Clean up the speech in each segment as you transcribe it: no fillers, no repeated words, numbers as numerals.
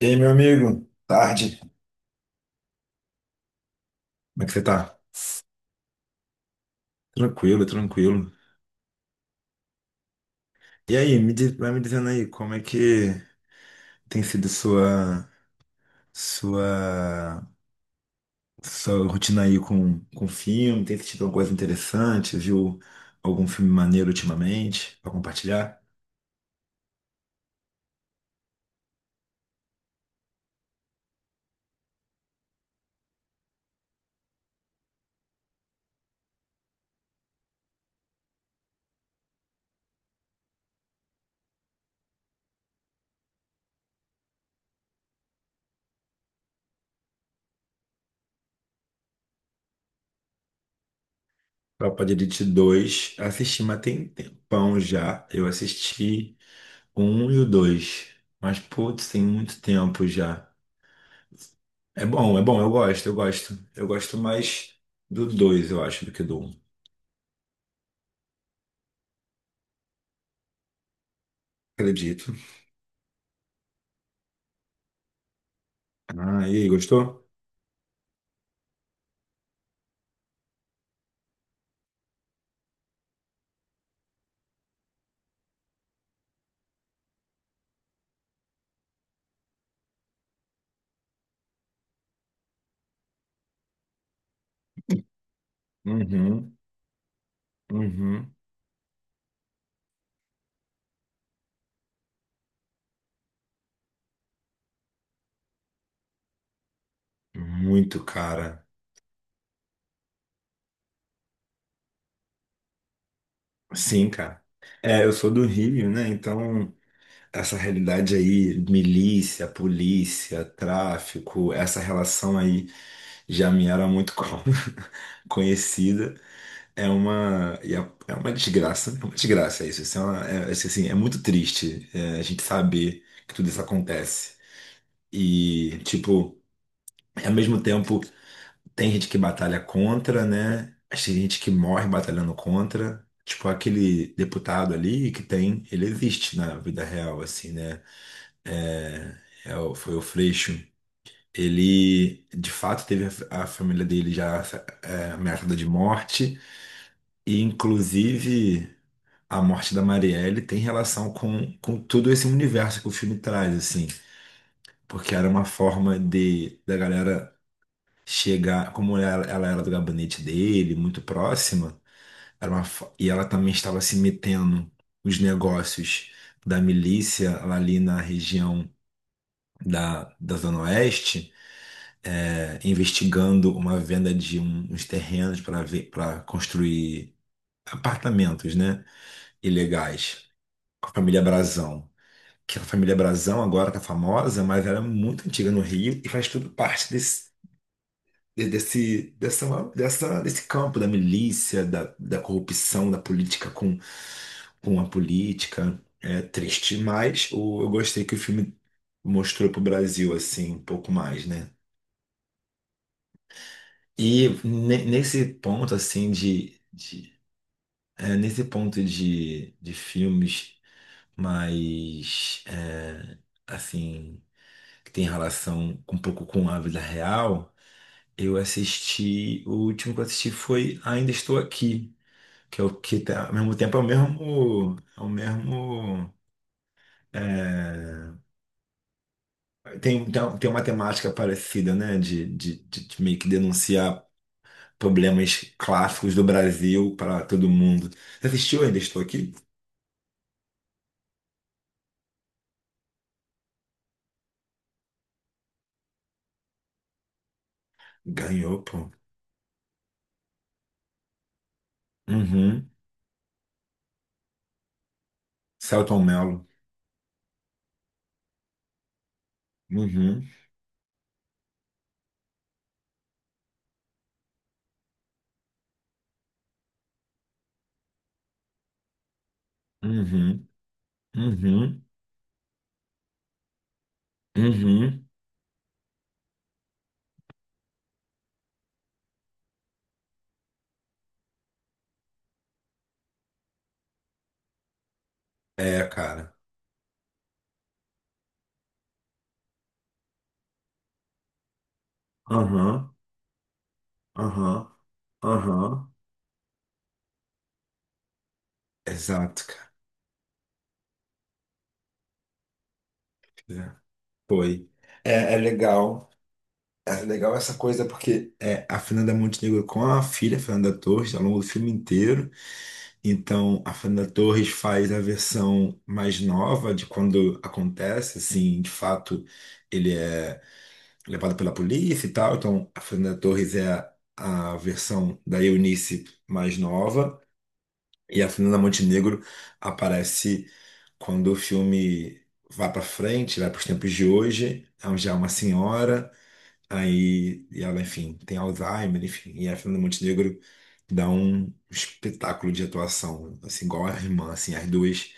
E aí, meu amigo? Tarde. Como é que você tá? Tranquilo. E aí, vai me dizendo aí, como é que tem sido sua sua rotina aí com filme? Tem assistido alguma coisa interessante? Viu algum filme maneiro ultimamente pra compartilhar? Tropa de Elite dois assisti, mas tem tempão já. Eu assisti o 1 e o 2, mas putz, tem muito tempo já. É bom, eu gosto. Eu gosto mais do dois, eu acho, do que do um. Acredito. Ah, e aí, gostou? Uhum, uhum. Muito, cara. Sim, cara. É, eu sou do Rio, né? Então, essa realidade aí, milícia, polícia, tráfico, essa relação aí já me era muito conhecida. E é uma desgraça isso. Isso, assim, é muito triste, a gente saber que tudo isso acontece. E, tipo, ao mesmo tempo, tem gente que batalha contra, né? Mas tem gente que morre batalhando contra. Tipo, aquele deputado ali que tem, ele existe na vida real, assim, né? É, foi o Freixo. Ele, de fato, teve a família dele já, ameaçada de morte. E, inclusive, a morte da Marielle tem relação com todo esse universo que o filme traz, assim, porque era uma forma de da galera chegar, como ela era do gabinete dele, muito próxima, e ela também estava se metendo nos negócios da milícia lá ali na região da Zona Oeste, investigando uma venda de uns terrenos para ver, para construir apartamentos, né, ilegais, com a família Brazão. Que é a família Brazão agora tá famosa, mas ela é muito antiga no Rio e faz tudo parte desse, de- desse, dessa, dessa, desse campo da milícia, da corrupção, da política com a política. É triste, mas eu gostei que o filme mostrou pro Brasil, assim, um pouco mais, né? E nesse ponto, assim, nesse ponto de filmes mais, assim, que tem relação um pouco com a vida real, eu assisti. O último que eu assisti foi Ainda Estou Aqui, que é o que tá, ao mesmo tempo é, tem, tem uma temática parecida, né, de meio que denunciar problemas clássicos do Brasil para todo mundo. Você assistiu Ainda Estou Aqui? Ganhou, pô. Uhum. Selton Mello. Uhum, uhum, uhum, uhum. É, cara. Aham, aham. Aham. Exato, cara. Foi. É, é legal. É legal essa coisa porque, é, a Fernanda Montenegro com a filha Fernanda Torres ao longo do filme inteiro. Então, a Fernanda Torres faz a versão mais nova de quando acontece, assim, de fato, ele é levado pela polícia e tal. Então, a Fernanda Torres é a versão da Eunice mais nova. E a Fernanda Montenegro aparece quando o filme vai para frente, vai para os tempos de hoje, onde já é uma senhora, aí e ela, enfim, tem Alzheimer, enfim, e a Fernanda Montenegro dá um espetáculo de atuação, assim, igual a irmã, assim, as duas,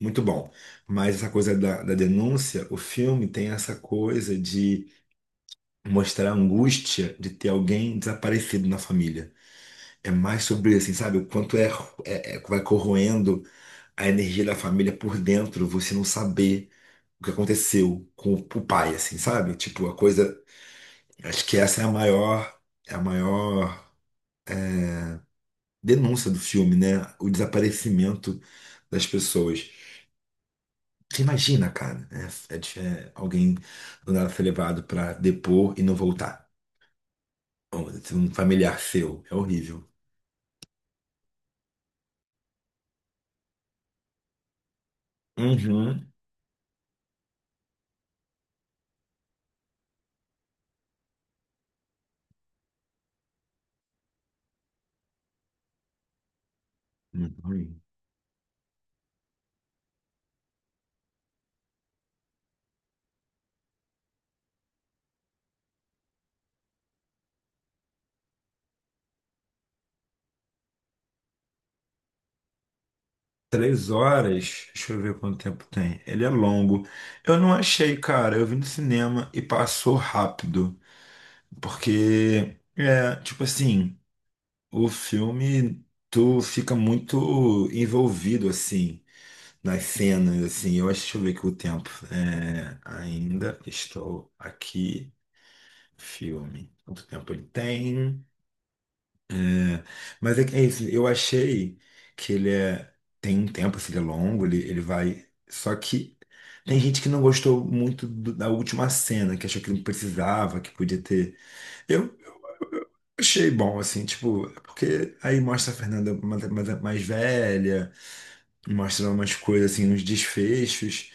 muito bom. Mas essa coisa da denúncia, o filme tem essa coisa de mostrar a angústia de ter alguém desaparecido na família. É mais sobre, assim, sabe, o quanto vai corroendo a energia da família por dentro, você não saber o que aconteceu com o pai, assim, sabe? Tipo, a coisa. Acho que essa é é a maior denúncia do filme, né? O desaparecimento das pessoas. Você imagina, cara, né? É alguém do nada ser levado pra depor e não voltar. Ou um familiar seu. É horrível. Uhum. Uhum. Três horas, deixa eu ver quanto tempo tem. Ele é longo. Eu não achei, cara. Eu vi no cinema e passou rápido. Porque, é, tipo assim, o filme, tu fica muito envolvido, assim, nas cenas, assim. Eu acho, deixa eu ver aqui o tempo. É, ainda estou aqui. Filme. Quanto tempo ele tem? Né? Mas é, é isso, eu achei que ele é. Tem um tempo, assim, ele é longo, ele vai. Só que tem gente que não gostou muito da última cena, que achou que não precisava, que podia ter. Eu achei bom, assim, tipo, é porque aí mostra a Fernanda mais velha, mostra umas coisas, assim, uns desfechos.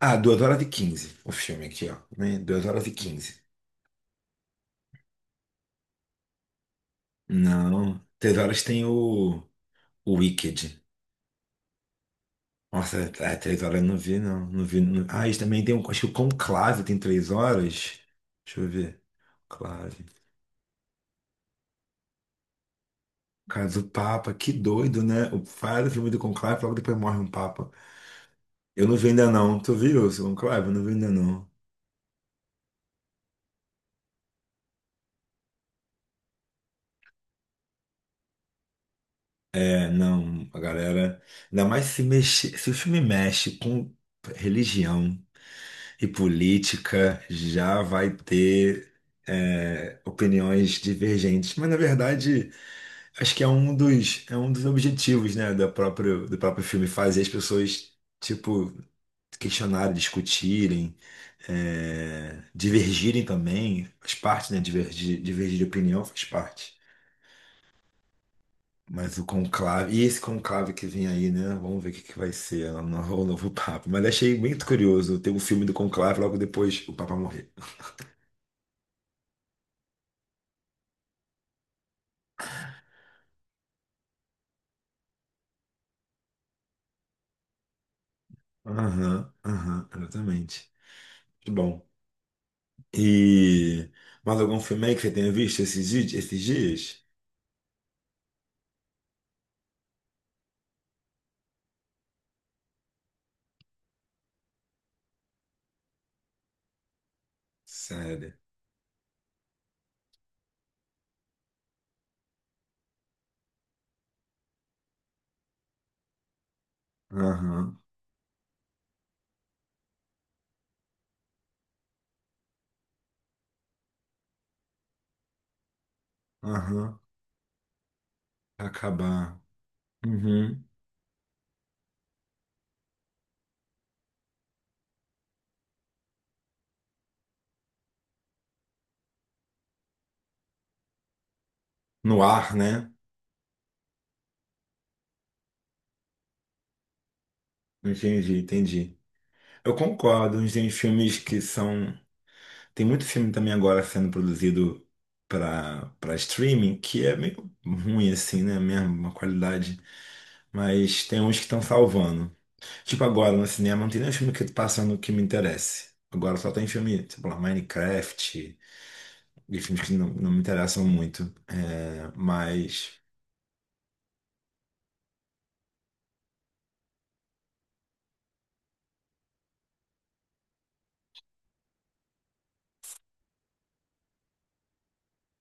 Ah, 2 horas e 15 o filme aqui, ó, né? Duas horas e quinze. Não, 3 horas tem o Wicked. Nossa, três horas eu não vi, não. Não vi, não. Ah, isso também tem um. Acho que o Conclave tem três horas. Deixa eu ver. Conclave. Cara do Papa, que doido, né? O faz o filme do Conclave, logo depois morre um Papa. Eu não vi ainda não. Tu viu o Conclave? Eu não vi ainda não. É, não, a galera. Ainda mais se mexer. Se o filme mexe com religião, e política, já vai ter, opiniões divergentes. Mas, na verdade, acho que é um dos objetivos, né, do próprio filme, fazer as pessoas, tipo, questionarem, discutirem, divergirem também. Faz parte, né? Divergir de opinião faz parte. Mas o conclave, e esse conclave que vem aí, né? Vamos ver o que que vai ser o novo Papa. Mas achei muito curioso ter o filme do conclave logo depois o Papa morrer. Aham, aham, exatamente. Muito bom. E mais algum filme aí que você tenha visto esses, esses dias? Sério. Aham, aham. Acabar. Uhum. No ar, né? Entendi, entendi. Eu concordo, uns tem filmes que são. Tem muito filme também agora sendo produzido para streaming que é meio ruim, assim, né? Mesmo, uma qualidade. Mas tem uns que estão salvando. Tipo, agora no cinema não tem nenhum filme que passa no que me interesse. Agora só tem filme, tipo lá, Minecraft, e filmes que não, não me interessam muito. É, mas.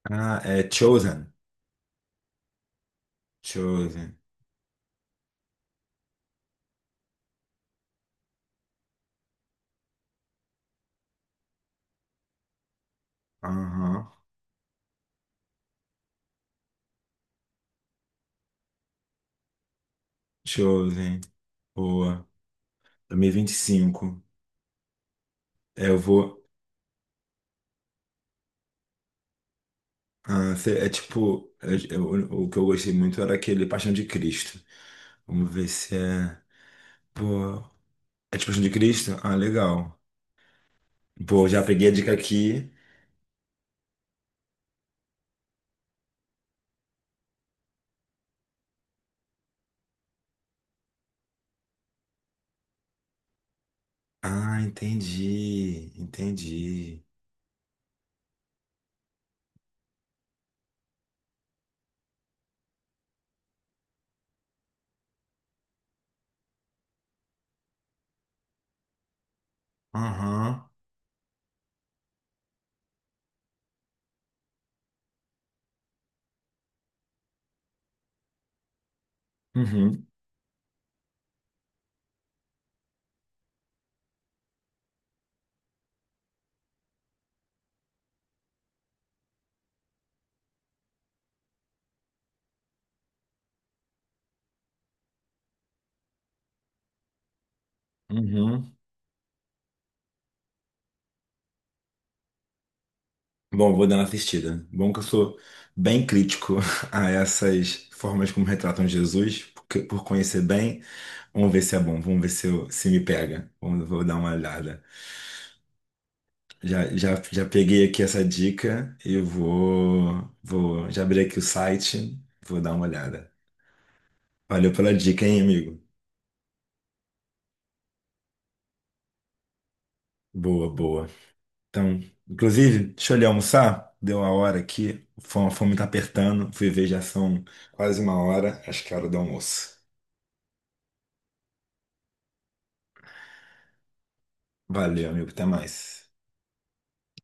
Ah, é Chosen. Chosen. Aham. Chosen. Boa. 2025. É, eu vou. Ah, é o que eu gostei muito era aquele Paixão de Cristo. Vamos ver se é. Pô. É tipo Paixão de Cristo? Ah, legal. Pô, já peguei a dica aqui. Ah, entendi, entendi. Aham, uhum, uhum. Bom, vou dar uma assistida. Bom que eu sou bem crítico a essas formas como retratam Jesus, porque, por conhecer bem, vamos ver se é bom, vamos ver se, se me pega. Vamos, vou dar uma olhada. Já peguei aqui essa dica e vou já abri aqui o site, vou dar uma olhada. Valeu pela dica, hein, amigo? Boa, boa. Então, inclusive, deixa eu ali almoçar. Deu a hora aqui. A fome tá apertando. Fui ver, já são quase uma hora. Acho que é hora do almoço. Valeu, amigo. Até mais.